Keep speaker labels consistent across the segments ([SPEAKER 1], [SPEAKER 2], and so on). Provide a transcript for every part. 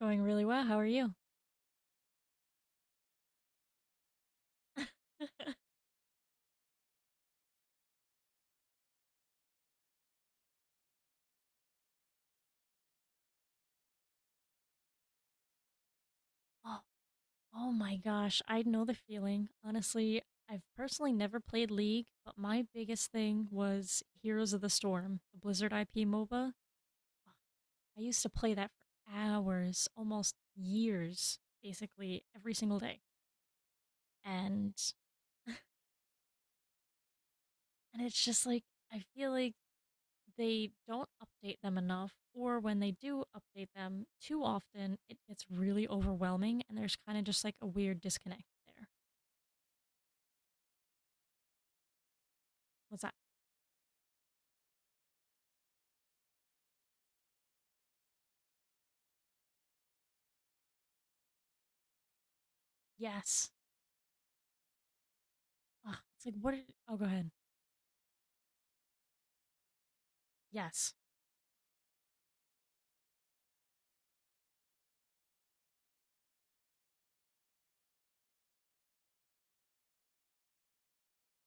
[SPEAKER 1] Going really well. How are you? Oh, oh my gosh, I know the feeling. Honestly, I've personally never played League, but my biggest thing was Heroes of the Storm, the Blizzard IP MOBA. I used to play that for hours, almost years, basically every single day. And and it's just like I feel like they don't update them enough, or when they do update them too often, it gets really overwhelming and there's kind of just like a weird disconnect there. What's that? Yes. Ugh, it's like, what? Did, oh, go ahead. Yes.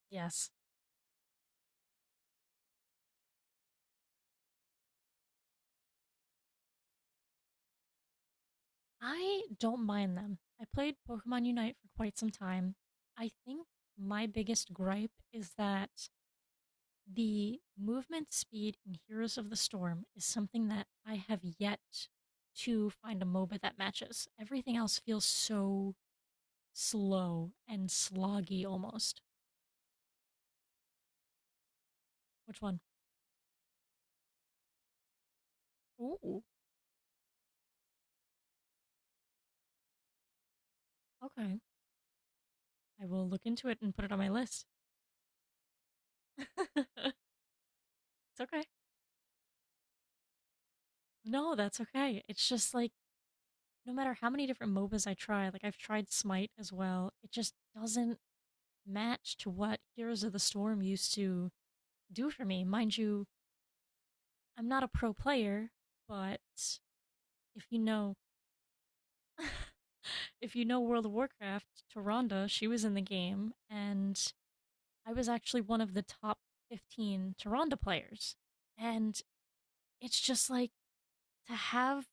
[SPEAKER 1] Yes. I don't mind them. I played Pokemon Unite for quite some time. I think my biggest gripe is that the movement speed in Heroes of the Storm is something that I have yet to find a MOBA that matches. Everything else feels so slow and sloggy almost. Which one? Ooh, okay. I will look into it and put it on my list. It's okay. No, that's okay. It's just like no matter how many different MOBAs I try, like I've tried Smite as well, it just doesn't match to what Heroes of the Storm used to do for me. Mind you, I'm not a pro player, but if you know if you know World of Warcraft, Taronda, she was in the game, and I was actually one of the top 15 Taronda players. And it's just like to have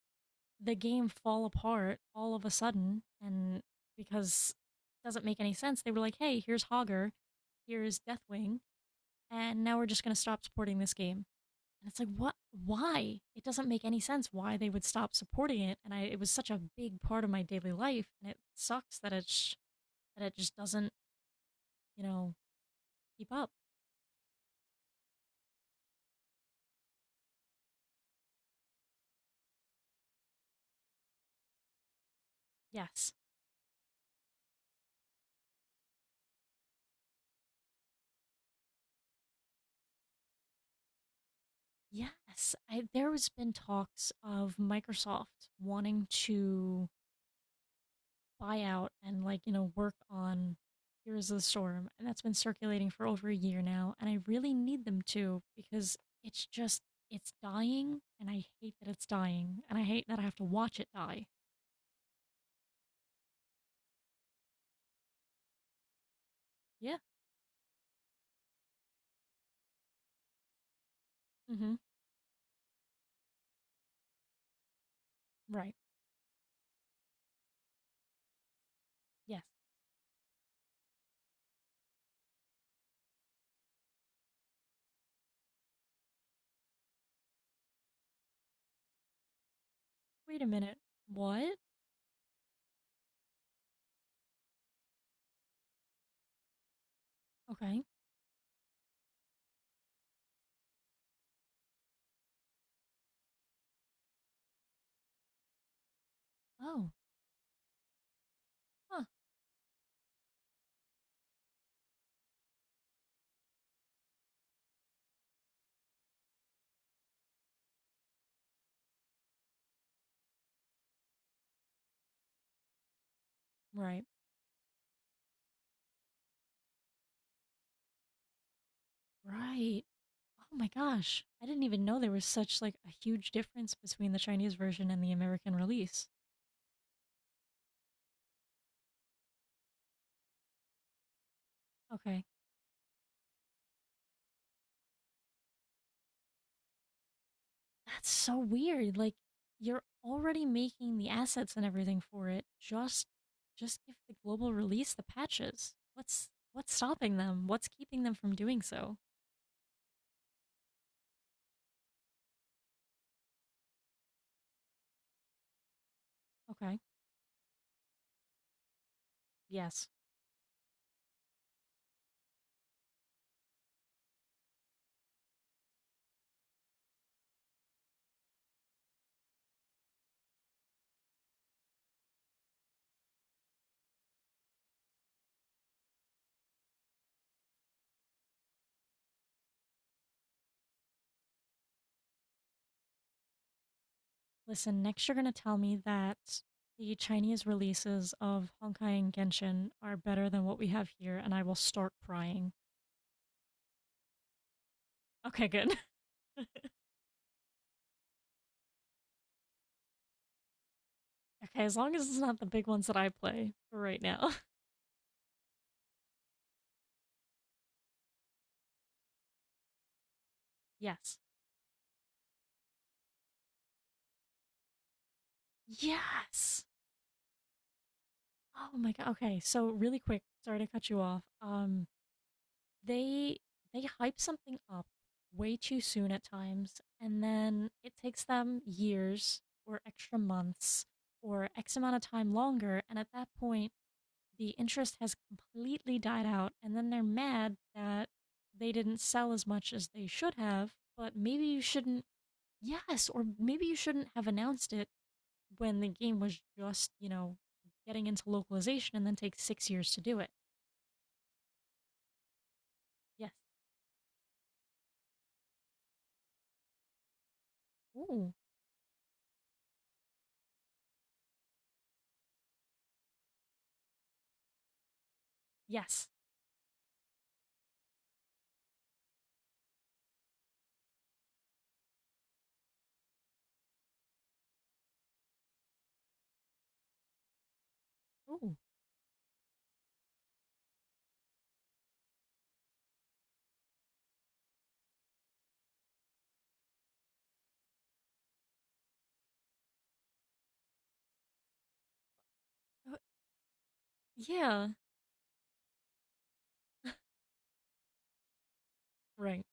[SPEAKER 1] the game fall apart all of a sudden, and because it doesn't make any sense. They were like, hey, here's Hogger, here's Deathwing, and now we're just going to stop supporting this game. And it's like, what? Why? It doesn't make any sense why they would stop supporting it. And i it was such a big part of my daily life, and it sucks that that it just doesn't, you know, keep up. Yes, yes, I, there has been talks of Microsoft wanting to buy out and, like, you know, work on Heroes of the Storm, and that's been circulating for over a year now, and I really need them to because it's just, it's dying, and I hate that it's dying, and I hate that I have to watch it die. Yeah. Mm-hmm. Right. Yes. Wait a minute. What? Okay. Oh. Huh. Right. Right. Oh my gosh. I didn't even know there was such like a huge difference between the Chinese version and the American release. Okay. That's so weird. Like, you're already making the assets and everything for it. Just give the global release the patches. What's stopping them? What's keeping them from doing so? Okay. Yes. Listen, next you're going to tell me that the Chinese releases of Honkai and Genshin are better than what we have here and I will start crying. Okay, good. Okay, as long as it's not the big ones that I play for right now. Yes. Yes. Oh my god. Okay, so really quick, sorry to cut you off. They they hype something up way too soon at times, and then it takes them years or extra months or X amount of time longer, and at that point, the interest has completely died out, and then they're mad that they didn't sell as much as they should have. But maybe you shouldn't. Yes, or maybe you shouldn't have announced it when the game was just, you know, getting into localization and then takes six years to do it. Yes. Ooh. Yes. Ooh. Uh, yeah. Right.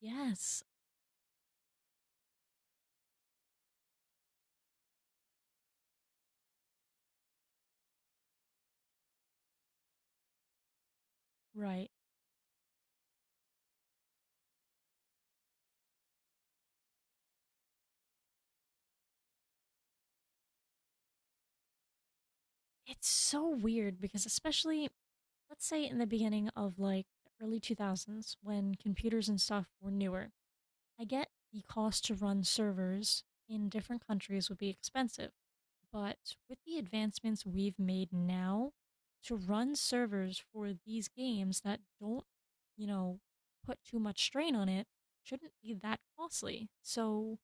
[SPEAKER 1] Yes. Right. It's so weird because, especially, let's say in the beginning of like the early 2000s when computers and stuff were newer, I get the cost to run servers in different countries would be expensive. But with the advancements we've made now to run servers for these games that don't, you know, put too much strain on it shouldn't be that costly. So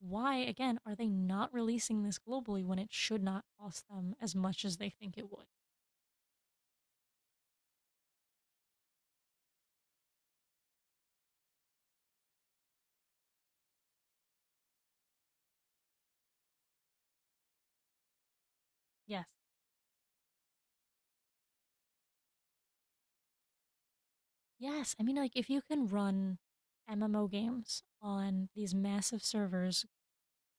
[SPEAKER 1] why again are they not releasing this globally when it should not cost them as much as they think it would? Yes. Yes, I mean like if you can run MMO games on these massive servers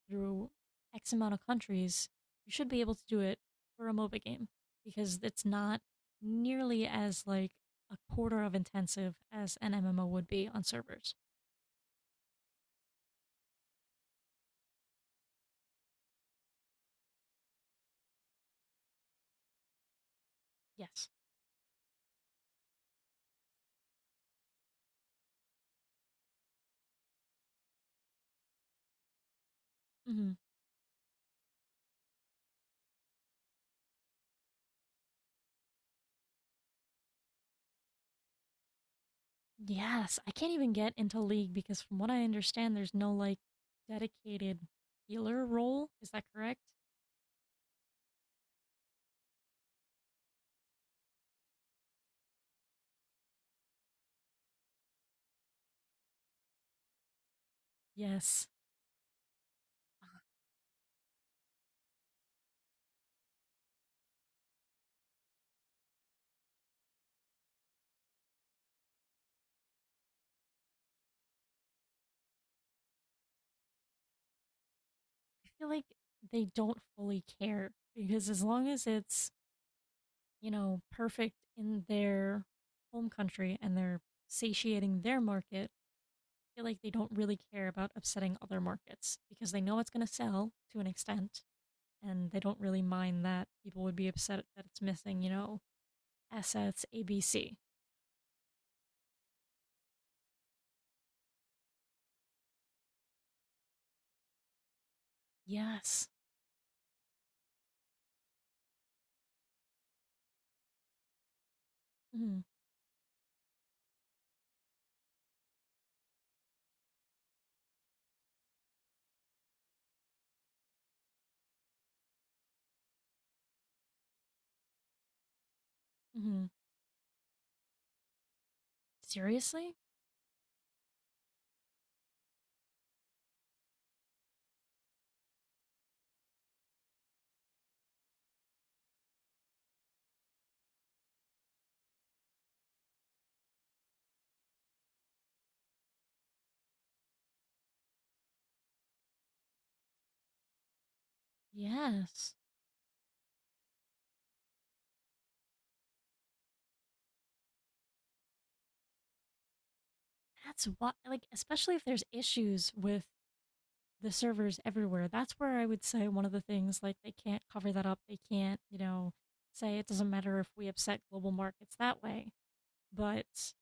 [SPEAKER 1] through X amount of countries, you should be able to do it for a MOBA game because it's not nearly as like a quarter of intensive as an MMO would be on servers. Yes. Hmm. Yes. I can't even get into League because, from what I understand, there's no like dedicated healer role. Is that correct? Yes. I feel like they don't fully care because as long as it's, you know, perfect in their home country and they're satiating their market, I feel like they don't really care about upsetting other markets because they know it's going to sell to an extent and they don't really mind that people would be upset that it's missing, you know, assets ABC. Yes. Hmm. Hmm. Seriously? Yes. That's what, like, especially if there's issues with the servers everywhere. That's where I would say one of the things, like, they can't cover that up. They can't, you know, say it doesn't matter if we upset global markets that way. But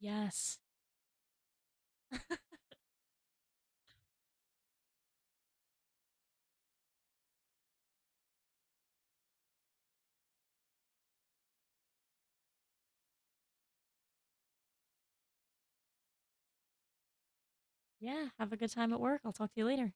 [SPEAKER 1] yes, yeah, have a good time at work. I'll talk to you later.